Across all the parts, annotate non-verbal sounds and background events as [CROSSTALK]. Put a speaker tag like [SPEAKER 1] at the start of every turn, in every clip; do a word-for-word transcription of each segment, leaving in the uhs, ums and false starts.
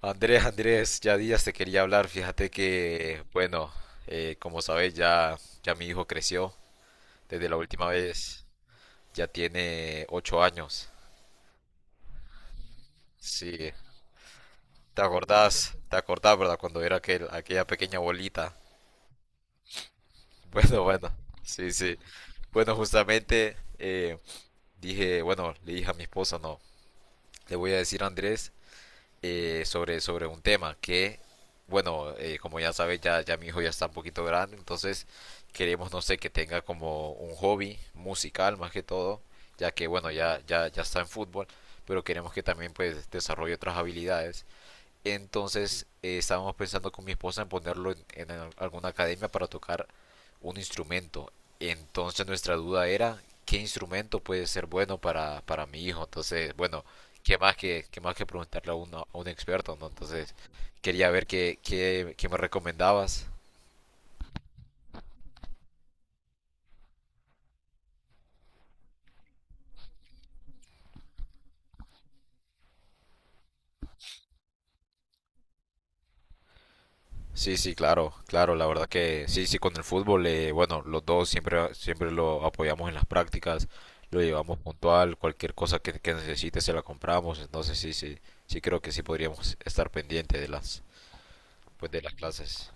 [SPEAKER 1] Andrés, Andrés, ya días te quería hablar. Fíjate que, bueno, eh, como sabes, ya, ya mi hijo creció desde la última vez. Ya tiene ocho años. Sí, ¿te acordás? ¿Te acordás, verdad? Cuando era aquel, aquella pequeña bolita. [LAUGHS] Bueno, bueno, sí, sí. Bueno, justamente eh, dije, bueno, le dije a mi esposa, no, le voy a decir a Andrés eh, sobre, sobre un tema que, bueno, eh, como ya sabes, ya, ya mi hijo ya está un poquito grande, entonces queremos, no sé, que tenga como un hobby musical más que todo, ya que, bueno, ya, ya, ya está en fútbol, pero queremos que también pues desarrolle otras habilidades entonces eh, estábamos pensando con mi esposa en ponerlo en, en al- alguna academia para tocar un instrumento. Entonces nuestra duda era qué instrumento puede ser bueno para, para mi hijo. Entonces, bueno, qué más que, qué más que preguntarle a, uno- a un experto, ¿no? Entonces quería ver qué, qué, qué me recomendabas. Sí, sí, claro, claro, la verdad que sí, sí, con el fútbol, eh, bueno, los dos siempre, siempre lo apoyamos en las prácticas, lo llevamos puntual, cualquier cosa que, que necesite se la compramos, entonces sí, sí, sí creo que sí podríamos estar pendiente de las, pues de las clases.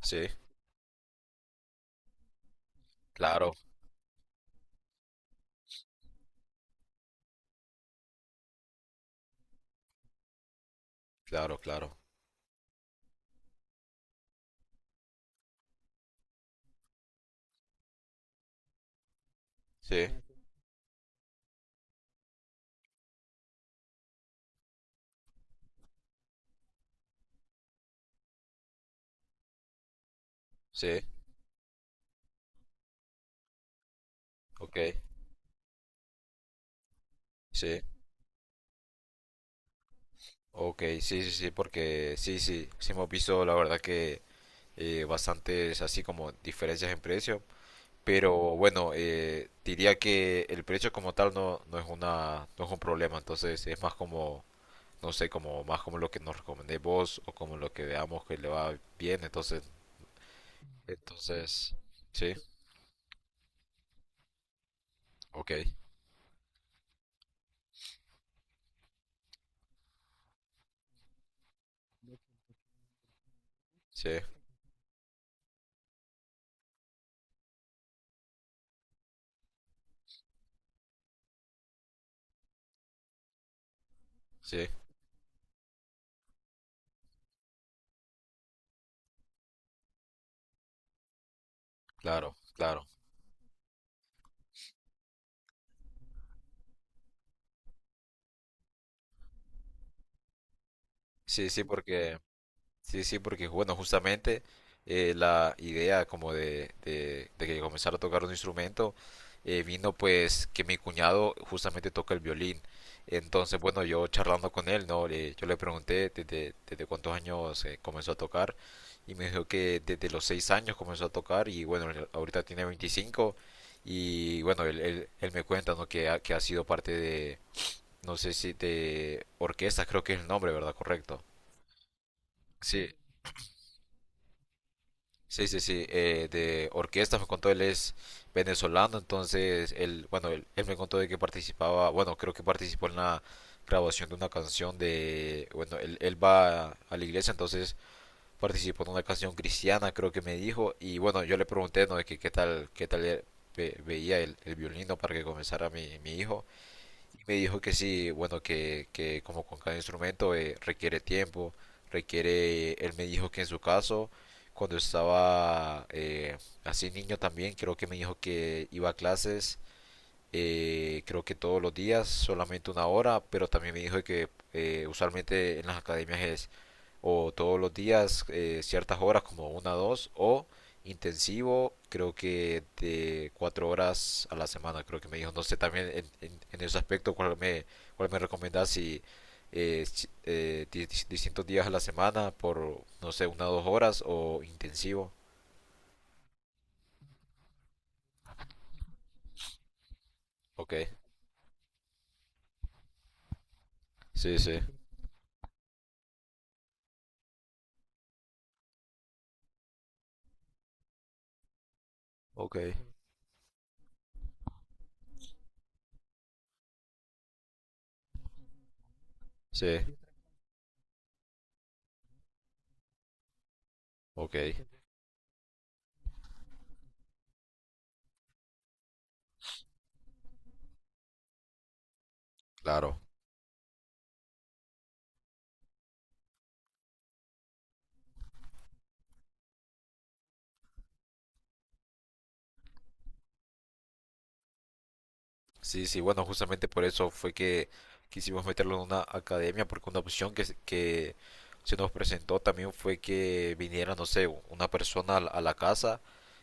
[SPEAKER 1] Sí, claro, claro, claro, sí, sí, ok, sí, ok, sí, sí, sí, porque sí, sí, sí hemos visto la verdad que eh, bastantes así como diferencias en precio. Pero bueno, eh, diría que el precio como tal no, no es una, no es un problema, entonces es más como, no sé, como más como lo que nos recomendéis vos o como lo que veamos que le va bien, entonces, entonces, sí, ok, sí, sí, claro, claro. Sí, sí, porque Sí, sí, porque bueno, justamente eh, la idea como de, de, de que comenzara a tocar un instrumento eh, vino pues que mi cuñado justamente toca el violín. Entonces, bueno, yo charlando con él, ¿no? Le- yo le pregunté desde, desde cuántos años eh, comenzó a tocar y me dijo que desde los seis años comenzó a tocar y bueno, él ahorita tiene veinticinco y bueno, él, él- él me cuenta, ¿no? Que ha, que ha sido parte de, no sé si de orquestas, creo que es el nombre, ¿verdad? Correcto. Sí, sí, sí, sí, eh, de orquesta me contó, él es venezolano, entonces él, bueno, él, él me contó de que participaba, bueno, creo que participó en la grabación de una canción de, bueno, él, él va a la iglesia, entonces participó en una canción cristiana, creo que me dijo, y bueno, yo le pregunté, ¿no? De que qué tal, qué tal eh, ve- veía el, el violino para que comenzara mi, mi hijo, y me dijo que sí, bueno, que, que como con cada instrumento eh, requiere tiempo, requiere, él me dijo que en su caso, cuando estaba eh, así niño también, creo que me dijo que iba a clases, eh, creo que todos los días, solamente una hora, pero también me dijo que eh, usualmente en las academias es o todos los días eh, ciertas horas como una o dos o intensivo creo que de cuatro horas a la semana creo que me dijo no sé también en, en, en ese aspecto cuál me cuál me recomendás si, eh, si- eh, di- di- distintos días a la semana por no sé una o dos horas o intensivo ok sí sí ok sí ok claro. Sí, sí, bueno, justamente por eso fue que quisimos meterlo en una academia, porque una opción que, se- que se nos presentó también fue que viniera, no sé, una persona a la, a la casa,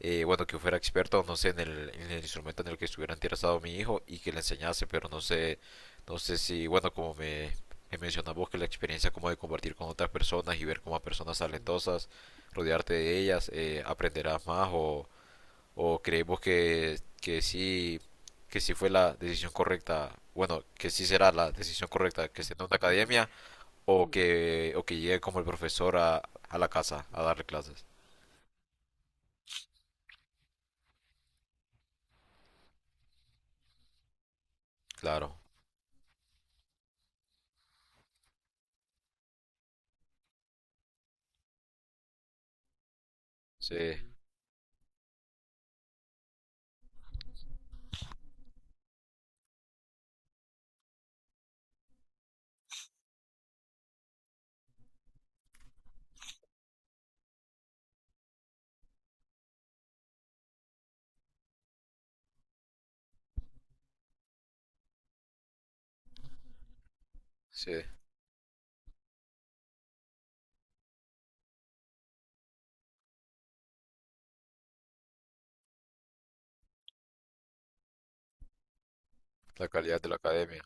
[SPEAKER 1] eh, bueno, que fuera experto, no sé, en el, en el instrumento en el que estuviera interesado mi hijo y que le enseñase, pero no sé, no sé si, bueno, como me, me mencionabas vos, que la experiencia como de compartir con otras personas y ver como a personas talentosas, rodearte de ellas, eh, aprenderás más o ¿O creemos que, que sí, que sí fue la decisión correcta? Bueno, que sí será la decisión correcta que se una academia o que, o que llegue como el profesor a, a la casa a darle clases. Claro, sí, sí, la calidad de la academia.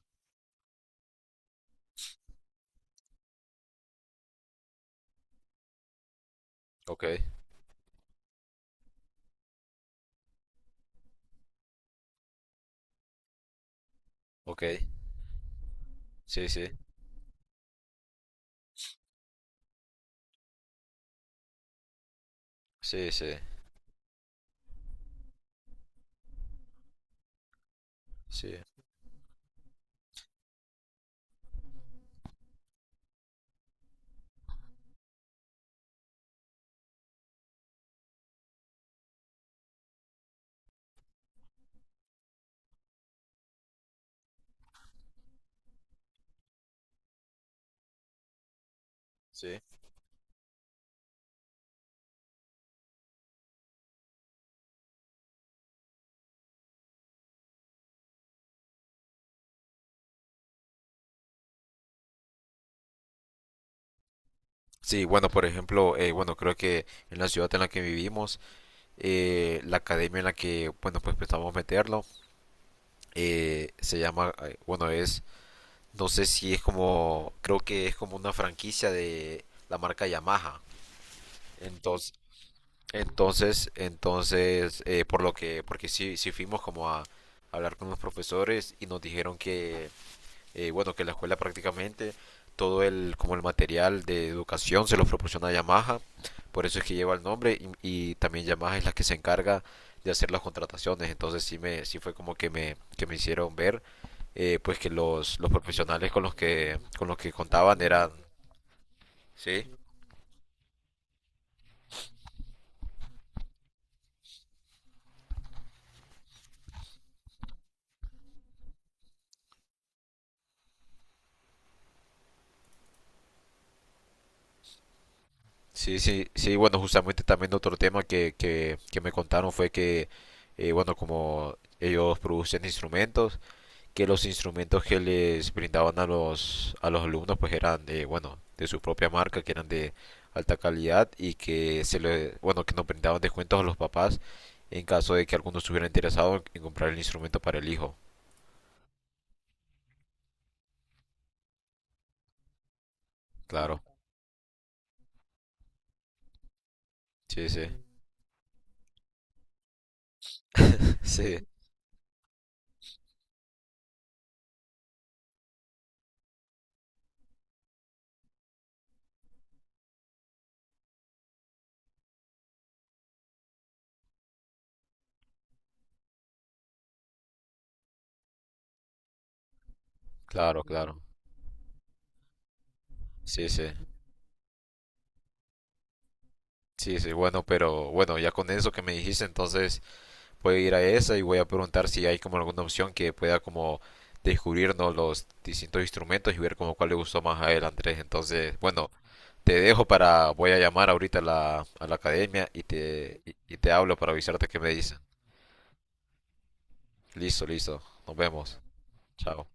[SPEAKER 1] Ok, ok, sí, sí, sí, sí, sí, sí. Sí, bueno, por ejemplo, eh, bueno, creo que en la ciudad en la que vivimos, eh, la academia en la que, bueno, pues pensamos meterlo, eh, se llama, eh, bueno, es No sé si es como, creo que es como una franquicia de la marca Yamaha. Entonces, entonces, entonces, eh, por lo que, porque sí, sí fuimos como a hablar con los profesores y nos dijeron que, eh, bueno, que la escuela prácticamente todo el, como el material de educación se lo proporciona Yamaha, por eso es que lleva el nombre y, y también Yamaha es la que se encarga de hacer las contrataciones. Entonces sí me, sí fue como que me, que me hicieron ver eh, pues que los, los profesionales con los que, con los que contaban eran... Sí, sí, sí, sí, bueno, justamente también otro tema que, que, que me contaron fue que, eh, bueno, como ellos producen instrumentos, que los instrumentos que les brindaban a los, a los alumnos pues eran de, bueno, de su propia marca, que eran de alta calidad y que se le, bueno, que nos brindaban descuentos a los papás en caso de que alguno estuviera interesado en comprar el instrumento para el hijo. Claro, sí, sí. [LAUGHS] Sí. Claro, claro. Sí, sí. Sí, sí, bueno, pero bueno, ya con eso que me dijiste, entonces voy a ir a esa y voy a preguntar si hay como alguna opción que pueda como descubrirnos los distintos instrumentos y ver como cuál le gustó más a él, Andrés. Entonces, bueno, te dejo para, voy a llamar ahorita a la, a la academia y te, y y te hablo para avisarte qué me dicen. Listo, listo. Nos vemos. Chao.